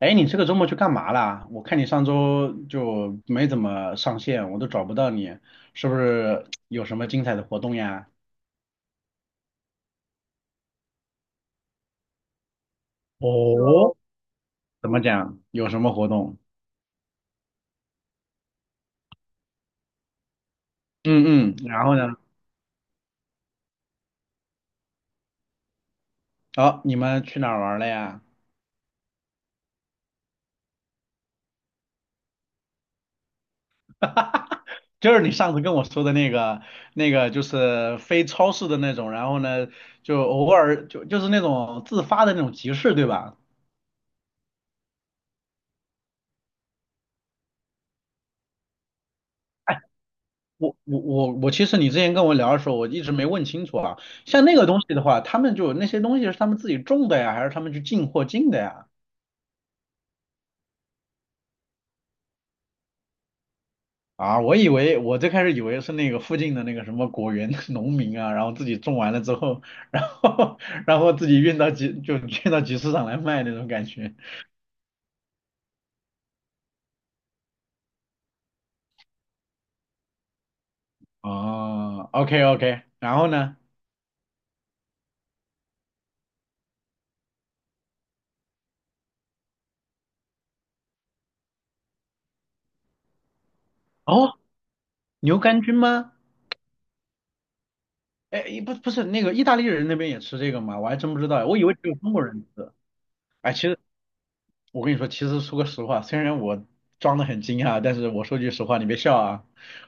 哎，你这个周末去干嘛啦？我看你上周就没怎么上线，我都找不到你，是不是有什么精彩的活动呀？哦，怎么讲？有什么活动？嗯嗯，然后呢？好、你们去哪儿玩了呀？就是你上次跟我说的那个，那个就是非超市的那种，然后呢，就偶尔就是那种自发的那种集市，对吧？我，其实你之前跟我聊的时候，我一直没问清楚啊。像那个东西的话，他们就那些东西是他们自己种的呀，还是他们去进货进的呀？啊，我以为我最开始以为是那个附近的那个什么果园 农民啊，然后自己种完了之后，然后 然后自己运到集市上来卖那种感觉。哦，OK OK，然后呢？哦，牛肝菌吗？哎，不是那个意大利人那边也吃这个吗？我还真不知道，我以为只有中国人吃。哎，其实。我跟你说，其实说个实话，虽然我装的很惊讶，但是我说句实话，你别笑啊，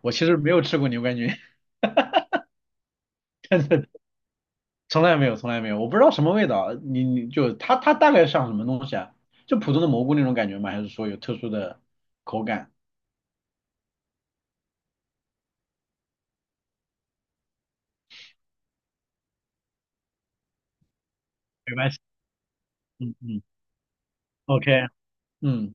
我其实没有吃过牛肝菌，从来没有，从来没有，我不知道什么味道。你就它大概像什么东西啊？就普通的蘑菇那种感觉吗？还是说有特殊的口感？没关系，嗯嗯，OK，嗯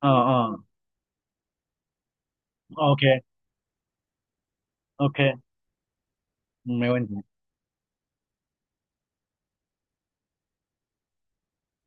嗯嗯，OK OK，嗯没问题。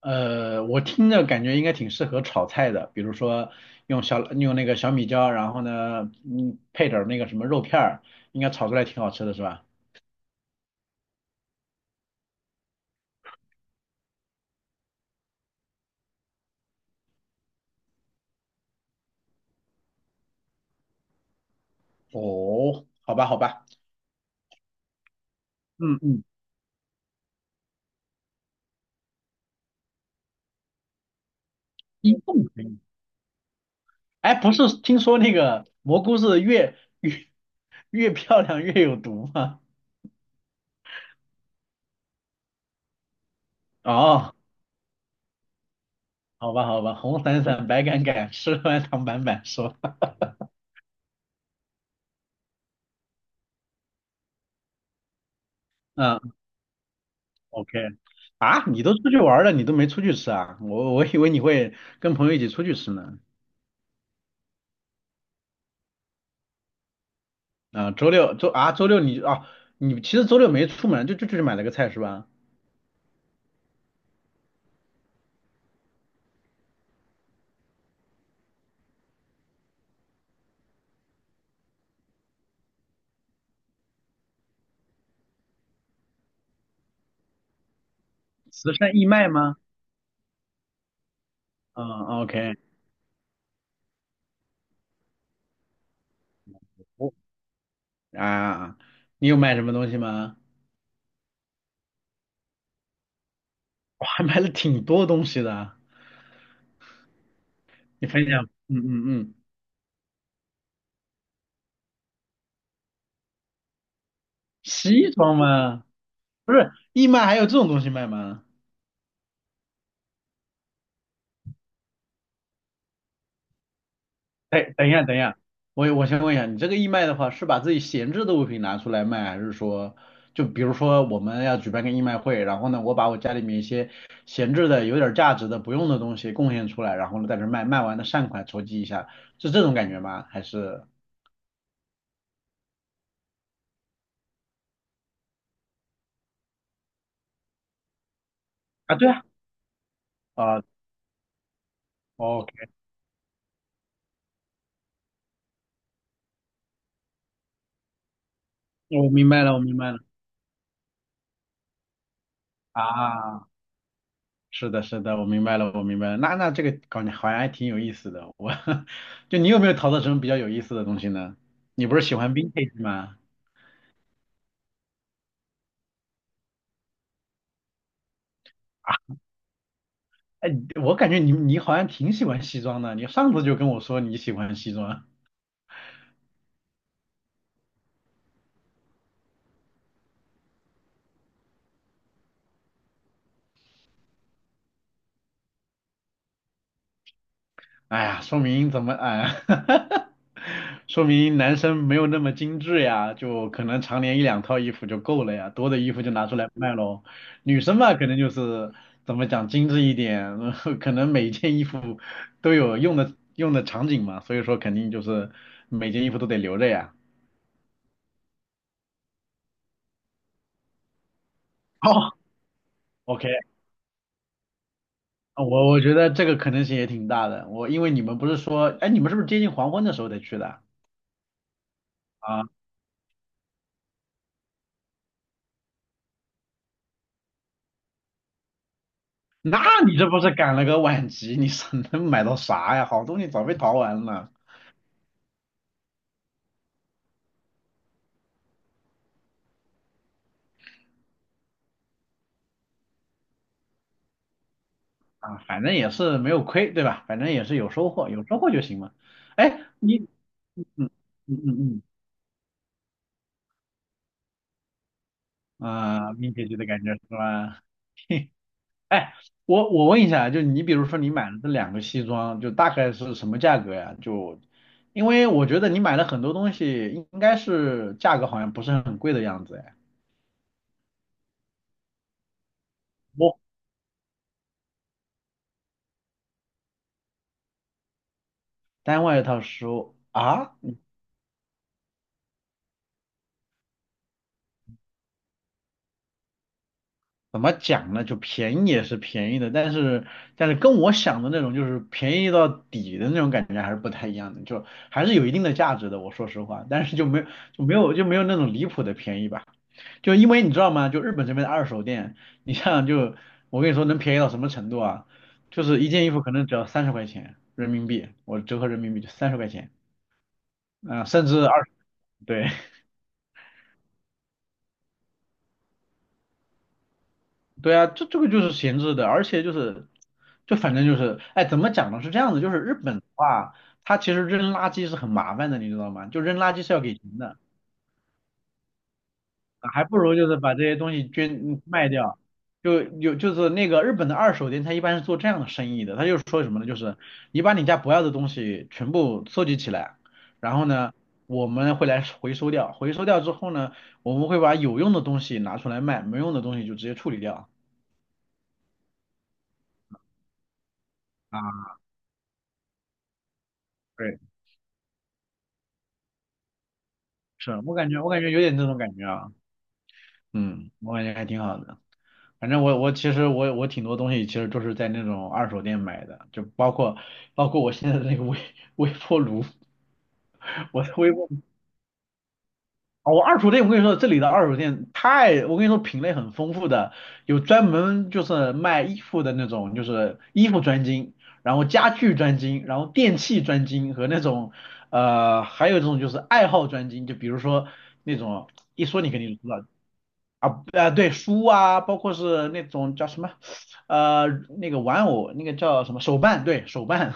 我听着感觉应该挺适合炒菜的，比如说用那个小米椒，然后呢，嗯，配点儿那个什么肉片儿，应该炒出来挺好吃的是吧？哦，好吧，好吧，嗯嗯，一共可以。哎，不是听说那个蘑菇是越漂亮越有毒吗？哦，好吧，好吧，红伞伞，白杆杆，吃完躺板板，说，嗯，OK，啊，你都出去玩了，你都没出去吃啊？我以为你会跟朋友一起出去吃呢。啊，周六周啊，周六你啊，你其实周六没出门，就去买了个菜是吧？慈善义卖吗？嗯，OK，我啊，你有卖什么东西吗？我还买了挺多东西的。你分享，嗯嗯嗯，西装吗？不是，义卖还有这种东西卖吗？哎，等一下，等一下，我先问一下，你这个义卖的话，是把自己闲置的物品拿出来卖，还是说，就比如说我们要举办个义卖会，然后呢，我把我家里面一些闲置的、有点价值的、不用的东西贡献出来，然后呢，在这卖，卖完的善款筹集一下，是这种感觉吗？还是啊，对啊，啊，OK，我明白了，我明白了啊。是的，是的，我明白了，我明白了。那这个搞觉好像还挺有意思的。我 就你有没有淘到什么比较有意思的东西呢？你不是喜欢 vintage 吗？啊哎，我感觉你好像挺喜欢西装的，你上次就跟我说你喜欢西装。哎呀，说明怎么哎，说明男生没有那么精致呀，就可能常年一两套衣服就够了呀，多的衣服就拿出来卖喽。女生嘛，可能就是怎么讲精致一点，可能每件衣服都有用的场景嘛，所以说肯定就是每件衣服都得留着呀。哦，OK，啊我觉得这个可能性也挺大的。我因为你们不是说，哎，你们是不是接近黄昏的时候才去的啊？那你这不是赶了个晚集？你是能买到啥呀？好东西早被淘完了啊，反正也是没有亏，对吧？反正也是有收获，有收获就行嘛。哎，你，嗯嗯嗯嗯，嗯，啊，明天就的感觉是吧？哎，我问一下，就你比如说你买了这两个西装，就大概是什么价格呀？就因为我觉得你买了很多东西，应该是价格好像不是很贵的样子哎。我单外套十五啊？怎么讲呢？就便宜也是便宜的，但是跟我想的那种就是便宜到底的那种感觉还是不太一样的，就还是有一定的价值的。我说实话，但是就没有那种离谱的便宜吧。就因为你知道吗？就日本这边的二手店，你像就我跟你说能便宜到什么程度啊？就是一件衣服可能只要三十块钱人民币，我折合人民币就三十块钱，啊、甚至20，对，对啊，这个就是闲置的，而且就是，就反正就是，哎，怎么讲呢？是这样子，就是日本的话，它其实扔垃圾是很麻烦的，你知道吗？就扔垃圾是要给钱的，啊还不如就是把这些东西卖掉。就有就是那个日本的二手店，它一般是做这样的生意的，它就是说什么呢？就是你把你家不要的东西全部收集起来，然后呢，我们会来回收掉，回收掉之后呢，我们会把有用的东西拿出来卖，没用的东西就直接处理掉。啊，对。是我感觉有点那种感觉啊，嗯，我感觉还挺好的。反正我其实挺多东西其实都是在那种二手店买的，就包括我现在的那个微波炉，我的微波炉啊，我二手店我跟你说，这里的二手店太，我跟你说品类很丰富的，有专门就是卖衣服的那种，就是衣服专精，然后家具专精，然后电器专精和那种还有这种就是爱好专精，就比如说那种一说你肯定就知道。啊，对，书啊，包括是那种叫什么，呃，那个玩偶，那个叫什么手办，对，手办，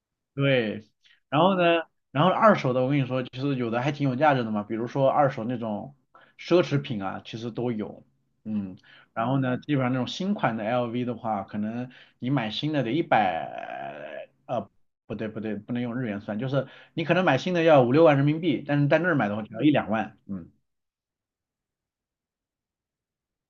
对。然后呢，然后二手的，我跟你说，其实有的还挺有价值的嘛，比如说二手那种奢侈品啊，其实都有，嗯。然后呢，基本上那种新款的 LV 的话，可能你买新的得100，不对不对，不能用日元算，就是你可能买新的要五六万人民币，但是在那儿买的话只要一两万，嗯。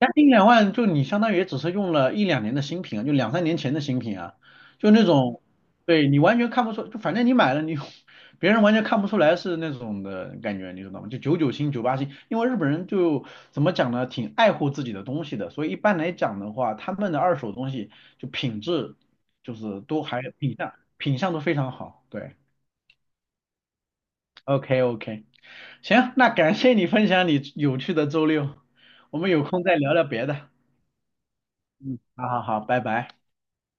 将近两万，就你相当于也只是用了一两年的新品啊，就两三年前的新品啊，就那种，对你完全看不出，就反正你买了你，别人完全看不出来是那种的感觉，你知道吗？就九九新、九八新，因为日本人就怎么讲呢，挺爱护自己的东西的，所以一般来讲的话，他们的二手东西就品质就是都还品相都非常好，对，OK OK，行，那感谢你分享你有趣的周六，我们有空再聊聊别的，嗯，好好好，拜拜。